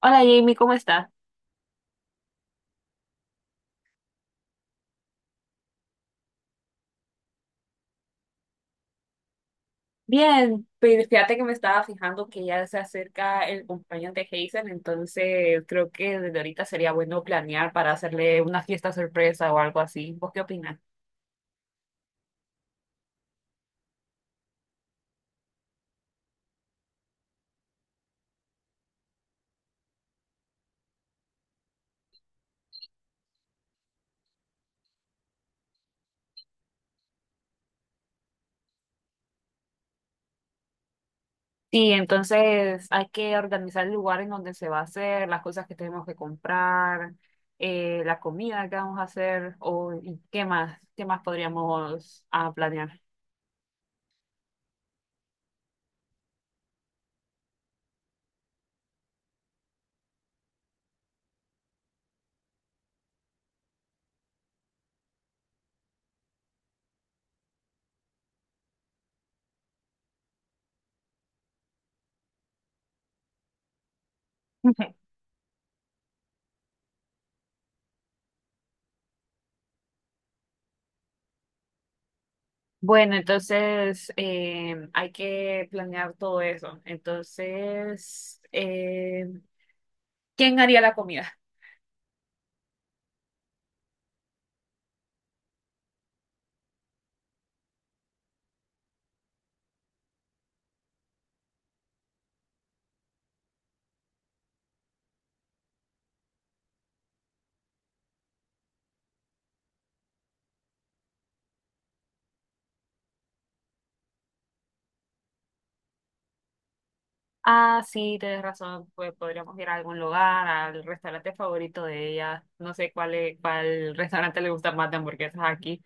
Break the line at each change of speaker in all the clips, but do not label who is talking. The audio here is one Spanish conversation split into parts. Hola Jamie, ¿cómo estás? Bien, pues fíjate que me estaba fijando que ya se acerca el cumpleaños de Hazel, entonces creo que desde ahorita sería bueno planear para hacerle una fiesta sorpresa o algo así. ¿Vos qué opinas? Sí, entonces hay que organizar el lugar en donde se va a hacer, las cosas que tenemos que comprar, la comida que vamos a hacer o y qué más podríamos planear. Bueno, entonces hay que planear todo eso. Entonces, ¿quién haría la comida? Ah, sí, tienes razón. Pues podríamos ir a algún lugar, al restaurante favorito de ella. No sé cuál restaurante le gusta más de hamburguesas aquí.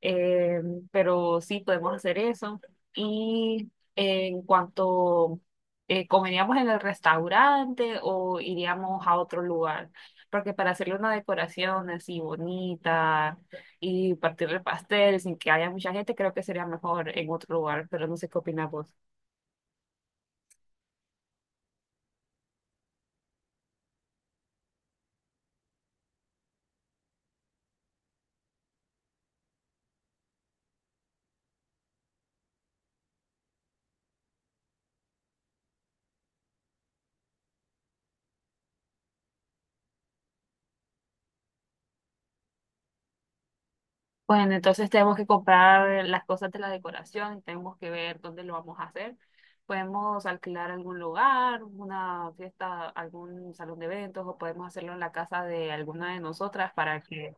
Eh, pero sí, podemos hacer eso. Y en cuanto comeríamos en el restaurante o iríamos a otro lugar, porque para hacerle una decoración así bonita y partir el pastel sin que haya mucha gente, creo que sería mejor en otro lugar, pero no sé qué opinas vos. Bueno, entonces tenemos que comprar las cosas de la decoración, tenemos que ver dónde lo vamos a hacer. Podemos alquilar algún lugar, una fiesta, algún salón de eventos o podemos hacerlo en la casa de alguna de nosotras para que...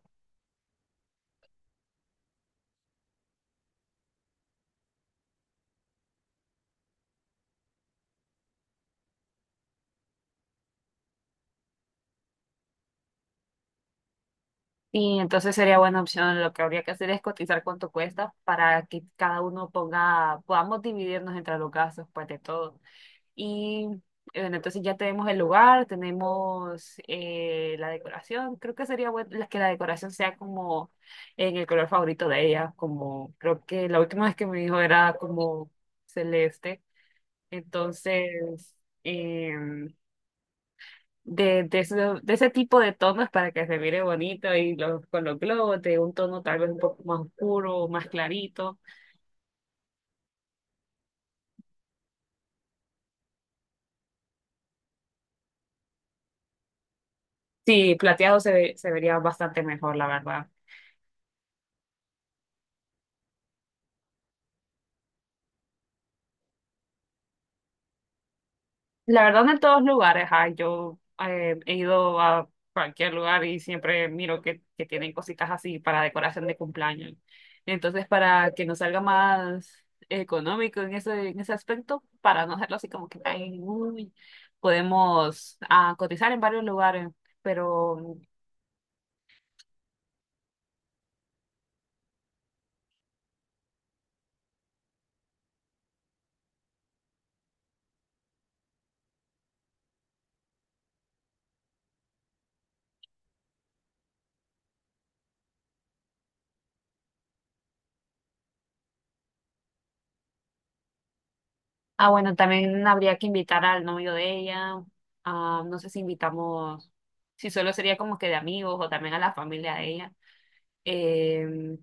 Y entonces sería buena opción. Lo que habría que hacer es cotizar cuánto cuesta para que cada uno ponga, podamos dividirnos entre los gastos, pues de todo. Y bueno, entonces ya tenemos el lugar, tenemos la decoración. Creo que sería bueno que la decoración sea como en el color favorito de ella, como creo que la última vez que me dijo era como celeste. Entonces, em, ese, de ese tipo de tonos para que se mire bonito y los, con los globos, de un tono tal vez un poco más oscuro, más clarito. Sí, se vería bastante mejor, la verdad. La verdad, no en todos lugares, ah, yo he ido a cualquier lugar y siempre miro que tienen cositas así para decoración de cumpleaños. Entonces, para que nos salga más económico en ese aspecto, para no hacerlo así como que, ay, uy, podemos cotizar en varios lugares, pero, ah, bueno, también habría que invitar al novio de ella, ah, no sé si invitamos, si solo sería como que de amigos o también a la familia de ella. Em,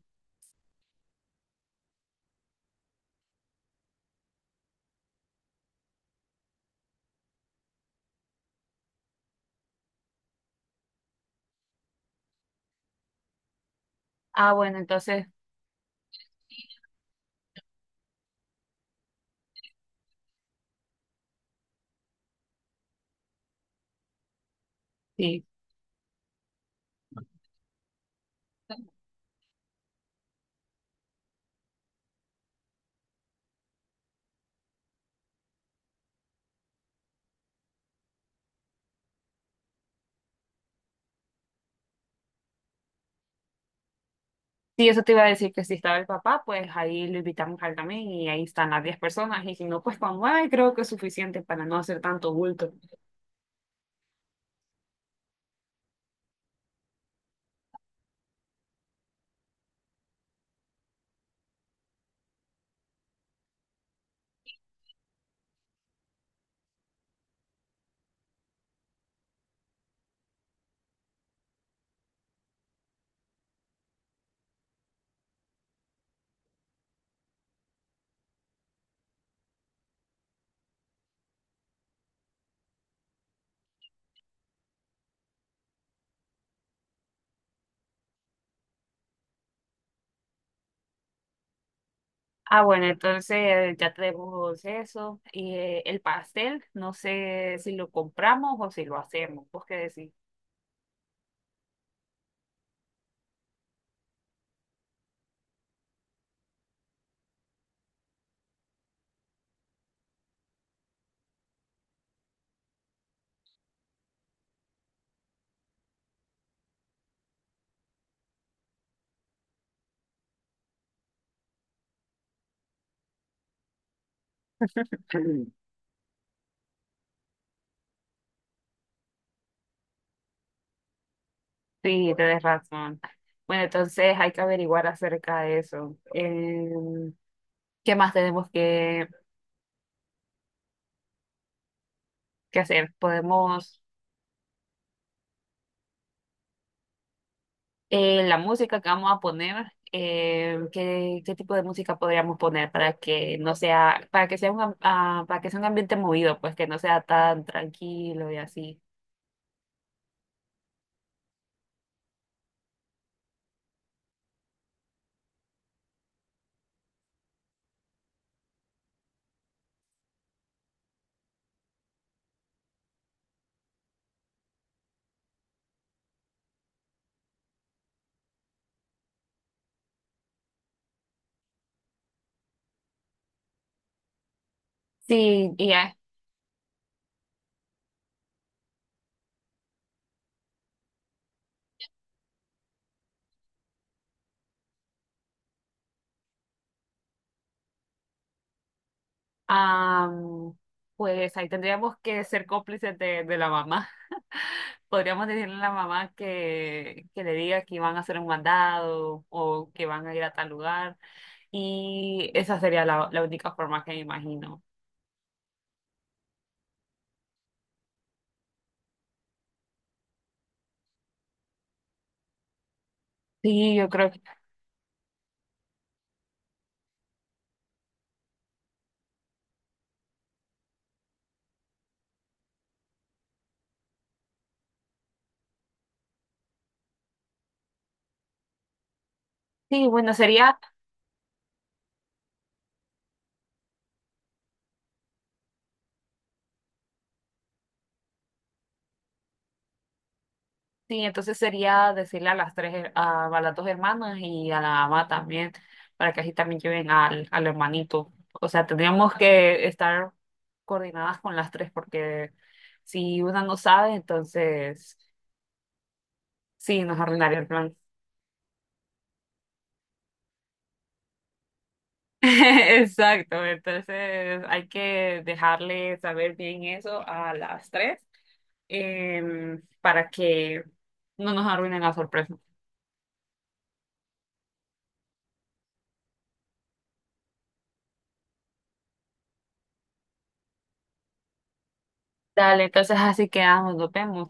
ah, bueno, entonces sí. Sí, eso te iba a decir que si estaba el papá, pues ahí lo invitamos al también y ahí están las 10 personas y si no, pues con 9 creo que es suficiente para no hacer tanto bulto. Ah, bueno, entonces ya tenemos eso y el pastel, no sé si lo compramos o si lo hacemos, ¿vos qué decís? Sí, tenés razón. Bueno, entonces hay que averiguar acerca de eso. Em, ¿qué más tenemos que hacer? Podemos... la música que vamos a poner, ¿qué, qué tipo de música podríamos poner para que no sea, para que sea un, para que sea un ambiente movido, pues que no sea tan tranquilo y así. Sí, y ya, am, pues ahí tendríamos que ser cómplices de la mamá. Podríamos decirle a la mamá que le diga que van a hacer un mandado o que van a ir a tal lugar. Y esa sería la única forma que me imagino. Sí, yo creo que sí, bueno, sería. Sí, entonces sería decirle a las tres, a las dos hermanas y a la mamá también, para que así también lleven al hermanito. O sea, tendríamos que estar coordinadas con las tres, porque si una no sabe, entonces sí, nos arruinaría el plan. Exacto, entonces hay que dejarle saber bien eso a las tres, para que no nos arruinen la sorpresa. Dale, entonces así quedamos, nos vemos.